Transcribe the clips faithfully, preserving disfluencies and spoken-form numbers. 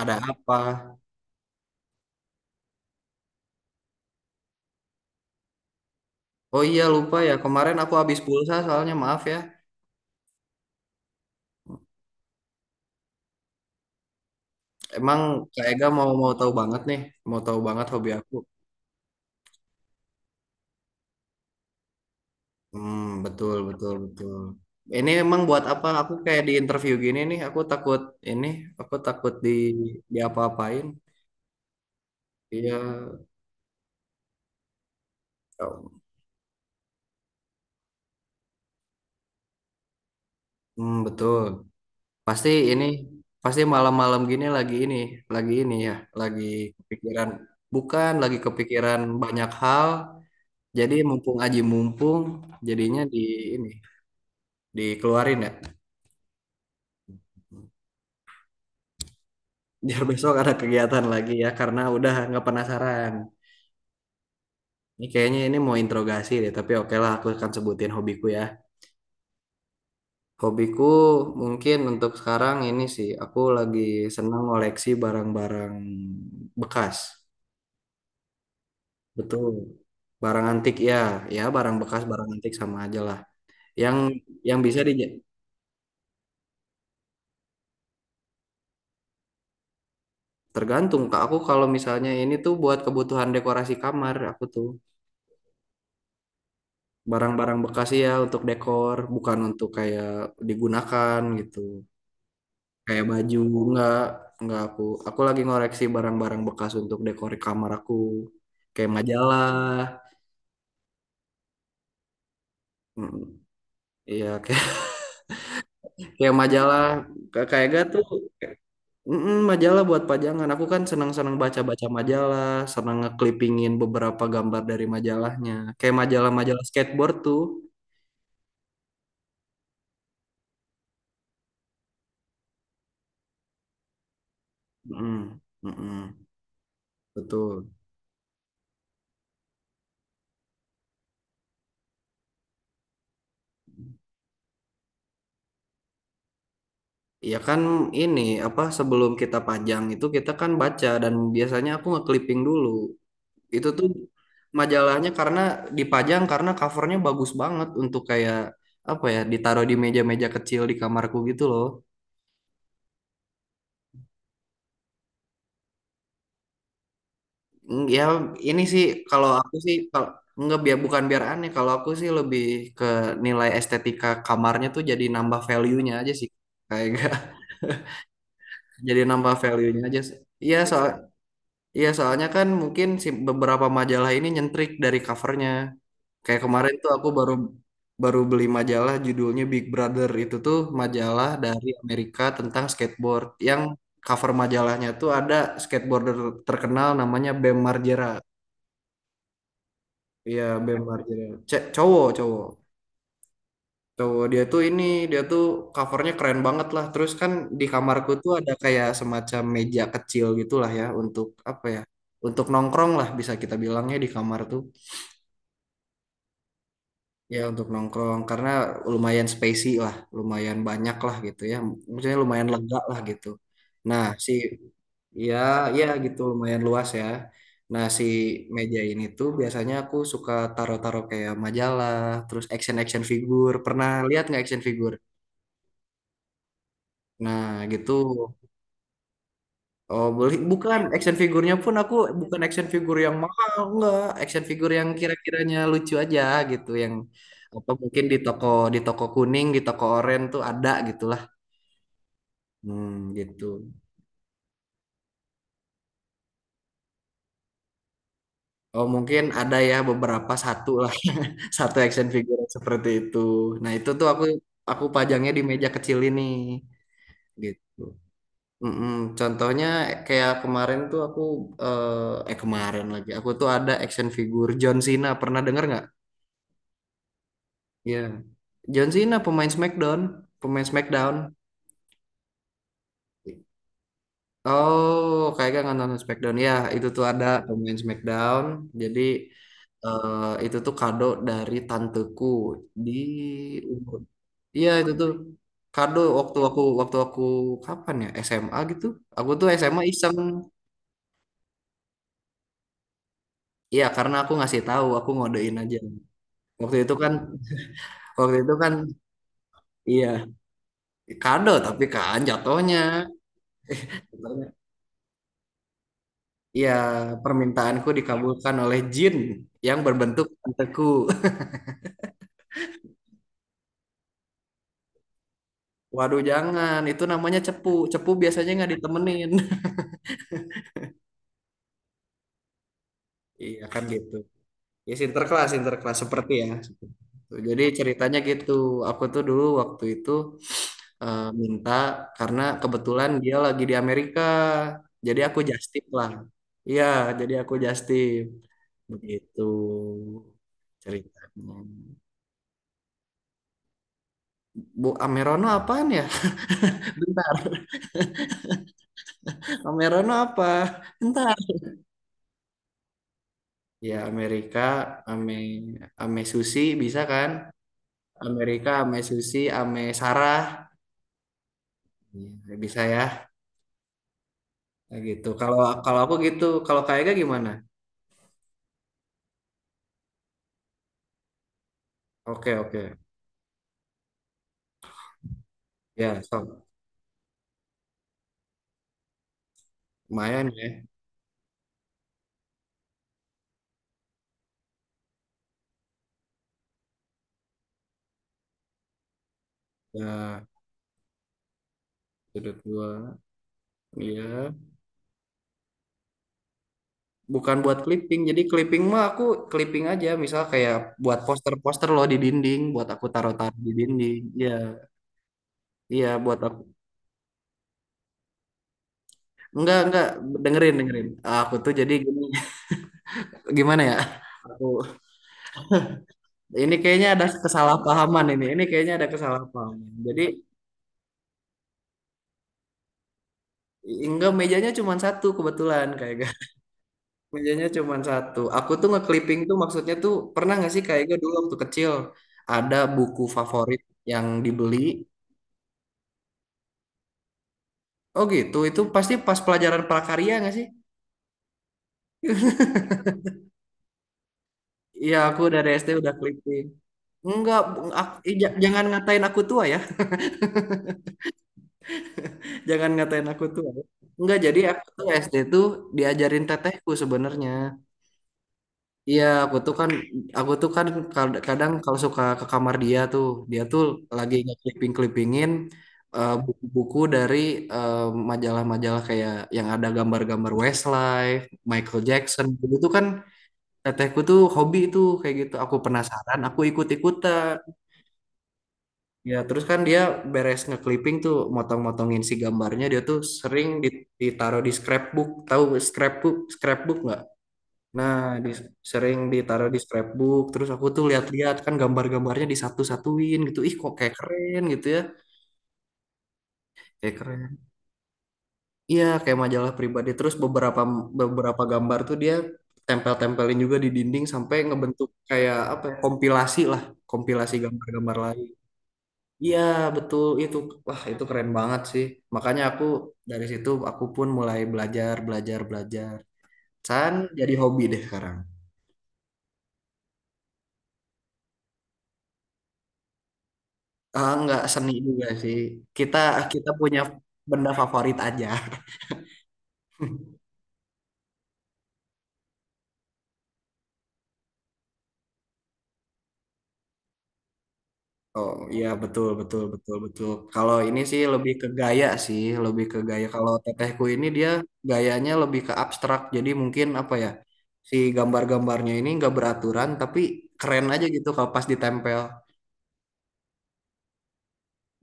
Ada apa? Oh iya lupa ya kemarin aku habis pulsa soalnya maaf ya. Emang Kak Ega mau mau tahu banget nih, mau tahu banget hobi aku. Hmm, betul betul betul. Ini emang buat apa? Aku kayak di interview gini nih, aku takut ini, aku takut di di apa-apain. Iya. Oh. Hmm, betul. Pasti ini, pasti malam-malam gini lagi ini, lagi ini ya, lagi kepikiran. Bukan lagi kepikiran banyak hal. Jadi mumpung aji mumpung jadinya di ini dikeluarin ya. Biar besok ada kegiatan lagi ya karena udah nggak penasaran. Ini kayaknya ini mau interogasi deh, tapi oke lah aku akan sebutin hobiku ya. Hobiku mungkin untuk sekarang ini sih aku lagi senang ngoleksi barang-barang bekas. Betul. Barang antik ya, ya barang bekas, barang antik sama aja lah. Yang yang bisa di tergantung, Kak. Aku kalau misalnya ini tuh buat kebutuhan dekorasi kamar aku tuh. Barang-barang bekas ya untuk dekor, bukan untuk kayak digunakan gitu. Kayak baju enggak, enggak aku. Aku lagi ngoreksi barang-barang bekas untuk dekor kamar aku. Kayak majalah. Mm. Iya, kayak, kayak majalah, Ka- kayak gak tuh, mm, majalah buat pajangan. Aku kan senang-senang baca-baca majalah, senang ngeklipingin beberapa gambar dari majalahnya. Kayak majalah-majalah skateboard tuh. Mm, mm, betul. Ya kan ini apa sebelum kita pajang itu kita kan baca dan biasanya aku nge-clipping dulu. Itu tuh majalahnya karena dipajang karena covernya bagus banget untuk kayak apa ya ditaruh di meja-meja kecil di kamarku gitu loh. Mm, ya ini sih kalau aku sih kalau nggak biar bukan biar aneh kalau aku sih lebih ke nilai estetika kamarnya tuh jadi nambah value-nya aja sih kayak jadi nambah value-nya aja sih. Iya soal Iya, soalnya kan mungkin si beberapa majalah ini nyentrik dari covernya. Kayak kemarin tuh aku baru baru beli majalah judulnya Big Brother. Itu tuh majalah dari Amerika tentang skateboard. Yang cover majalahnya tuh ada skateboarder terkenal namanya Bam Margera. Iya, Bam Margera. Cek cowok, cowok. Cowok dia tuh ini, dia tuh covernya keren banget lah. Terus kan di kamarku tuh ada kayak semacam meja kecil gitulah ya untuk apa ya? Untuk nongkrong lah bisa kita bilangnya di kamar tuh. Ya untuk nongkrong karena lumayan spacey lah, lumayan banyak lah gitu ya. Maksudnya lumayan lega lah gitu. Nah, si ya ya gitu lumayan luas ya. Nah, si meja ini tuh biasanya aku suka taruh-taruh kayak majalah, terus action-action figure. Pernah lihat nggak action figure? Nah, gitu. Oh, beli bukan action figurnya pun aku bukan action figure yang mahal, enggak. Action figure yang kira-kiranya lucu aja gitu, yang apa mungkin di toko di toko kuning, di toko oranye tuh ada gitulah. Hmm, gitu. Oh, mungkin ada ya beberapa satu lah. Satu action figure yang seperti itu. Nah, itu tuh aku aku pajangnya di meja kecil ini gitu. Mm-mm. Contohnya kayak kemarin tuh aku eh eh, kemarin lagi aku tuh ada action figure John Cena. Pernah denger nggak? Iya. John Cena pemain SmackDown, pemain SmackDown. Oh, kayaknya nggak nonton SmackDown ya. Itu tuh ada pemain SmackDown. Jadi eh, itu tuh kado dari tanteku di umur. Iya itu tuh kado waktu aku waktu aku kapan ya S M A gitu. Aku tuh S M A iseng. Iya karena aku ngasih tahu aku ngodein aja. Waktu itu kan waktu itu kan iya, kado tapi kan jatuhnya. Ya, permintaanku dikabulkan oleh jin yang berbentuk tanteku. Waduh, jangan. Itu namanya cepu. Cepu biasanya nggak ditemenin. Iya kan gitu. Ya, sinterklas, sinterklas seperti ya. Seperti itu. Jadi ceritanya gitu. Aku tuh dulu waktu itu eh, minta karena kebetulan dia lagi di Amerika. Jadi aku justip lah. Iya, jadi aku justip. Begitu ceritanya. Bu Amerono apaan ya? Bentar. Amerono apa? Entar. Ya Amerika, Ame, Ame Susi bisa kan? Amerika, Ame Susi, Ame Sarah. Iya, bisa ya. Nah, gitu. Kalau kalau aku gitu, kalau kayaknya gimana? Oke, oke. Ya, sok. Lumayan ya. Ya, sudut dua. Iya. Bukan buat clipping. Jadi clipping mah aku clipping aja. Misal kayak buat poster-poster loh di dinding, buat aku taruh-taruh di dinding. Iya, iya buat aku. Enggak, enggak. Dengerin, dengerin. Aku tuh jadi gini, gimana ya? Aku ini kayaknya ada kesalahpahaman ini. Ini kayaknya ada kesalahpahaman. Jadi enggak mejanya cuma satu kebetulan kayak gak. Mejanya cuma satu. Aku tuh nge-clipping tuh maksudnya tuh pernah nggak sih kayak gak dulu waktu kecil ada buku favorit yang dibeli. Oh gitu, itu pasti pas pelajaran prakarya nggak sih? Iya, aku dari S D udah clipping. Enggak, bu- ak- ih, ja- jangan ngatain aku tua ya. Jangan ngatain aku tua. Ya. Enggak, jadi aku tuh S D tuh diajarin tetehku sebenarnya. Iya, aku tuh kan aku tuh kan kad- kadang kalau suka ke kamar dia tuh, dia tuh lagi nge-clipping-clippingin eh, buku-buku dari eh, majalah-majalah kayak yang ada gambar-gambar Westlife, Michael Jackson. Dulu tuh kan tetehku tuh hobi itu kayak gitu. Aku penasaran, aku ikut-ikutan. Ya, terus kan dia beres nge-clipping tuh motong-motongin si gambarnya, dia tuh sering dit- ditaruh di scrapbook. Tahu scrapbook? Scrapbook nggak? Nah, di, sering ditaruh di scrapbook, terus aku tuh lihat-lihat kan gambar-gambarnya disatu-satuin gitu. Ih, kok kayak keren gitu ya. Kayak keren. Iya, kayak majalah pribadi. Terus beberapa beberapa gambar tuh dia tempel-tempelin juga di dinding sampai ngebentuk kayak apa ya, kompilasi lah, kompilasi gambar-gambar lain. Iya, betul itu. Wah, itu keren banget sih. Makanya aku dari situ aku pun mulai belajar, belajar, belajar. San jadi hobi deh sekarang. Ah, nggak seni juga sih. Kita kita punya benda favorit aja. Oh iya betul betul betul betul. Kalau ini sih lebih ke gaya sih, lebih ke gaya. Kalau tetehku ini dia gayanya lebih ke abstrak. Jadi mungkin apa ya si gambar-gambarnya ini nggak beraturan tapi keren aja gitu kalau pas ditempel.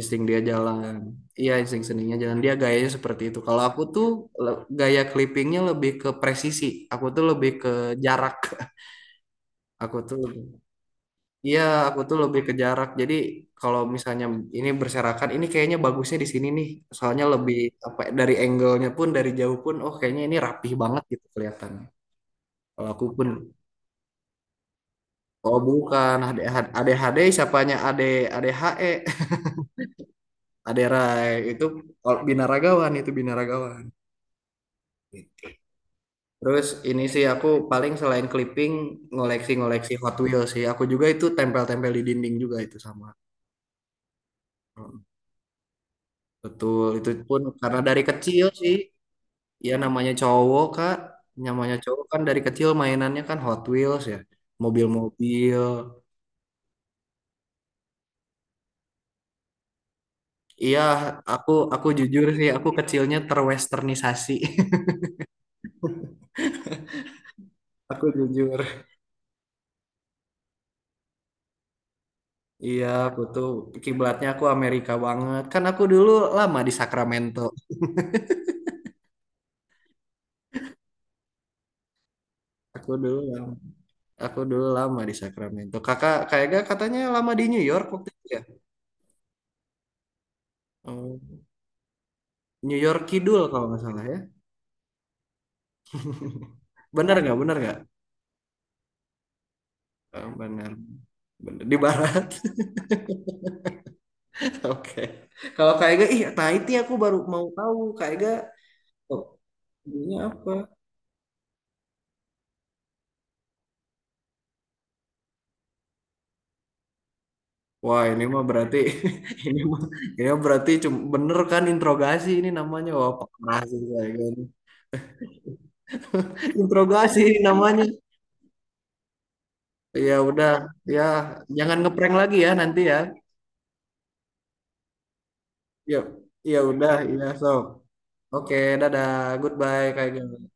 Insting dia jalan. Iya insting seninya jalan. Dia gayanya seperti itu. Kalau aku tuh le- gaya clippingnya lebih ke presisi. Aku tuh lebih ke jarak. Aku tuh lebih Iya, aku tuh lebih ke jarak. Jadi kalau misalnya ini berserakan, ini kayaknya bagusnya di sini nih. Soalnya lebih apa dari angle-nya pun dari jauh pun, oh kayaknya ini rapih banget gitu kelihatannya. Kalau aku pun, oh bukan ADHD, ADHD siapanya AD ADHE, Rai itu kalau binaragawan itu binaragawan. Gitu. Terus ini sih aku paling selain clipping ngoleksi-ngoleksi Hot Wheels sih. Aku juga itu tempel-tempel di dinding juga itu sama. Hmm, betul, itu pun karena dari kecil sih. Ya namanya cowok Kak, namanya cowok kan dari kecil mainannya kan Hot Wheels ya, mobil-mobil. Iya, aku aku jujur sih, aku kecilnya terwesternisasi. Aku jujur. Iya, aku tuh kiblatnya aku Amerika banget. Kan aku dulu lama di Sacramento. Aku dulu lama, aku dulu lama di Sacramento. Kakak kayaknya katanya lama di New York waktu itu ya. Oh, New York Kidul kalau nggak salah ya. Benar nggak? Benar nggak? Eh, benar. Benar. Di barat. Oke. Kalau Kak Ega, ih, nah itu aku baru mau tahu Kak Ega, oh, ini apa? Wah, ini mah berarti ini mah ini mah berarti cuma bener kan interogasi ini namanya. Wah, parah sih Kak Ega ini. Interogasi ini namanya. Ya udah, ya jangan ngeprank lagi ya nanti ya. Yuk. Ya udah, ya so. Oke, dadah. Goodbye Kak Ega.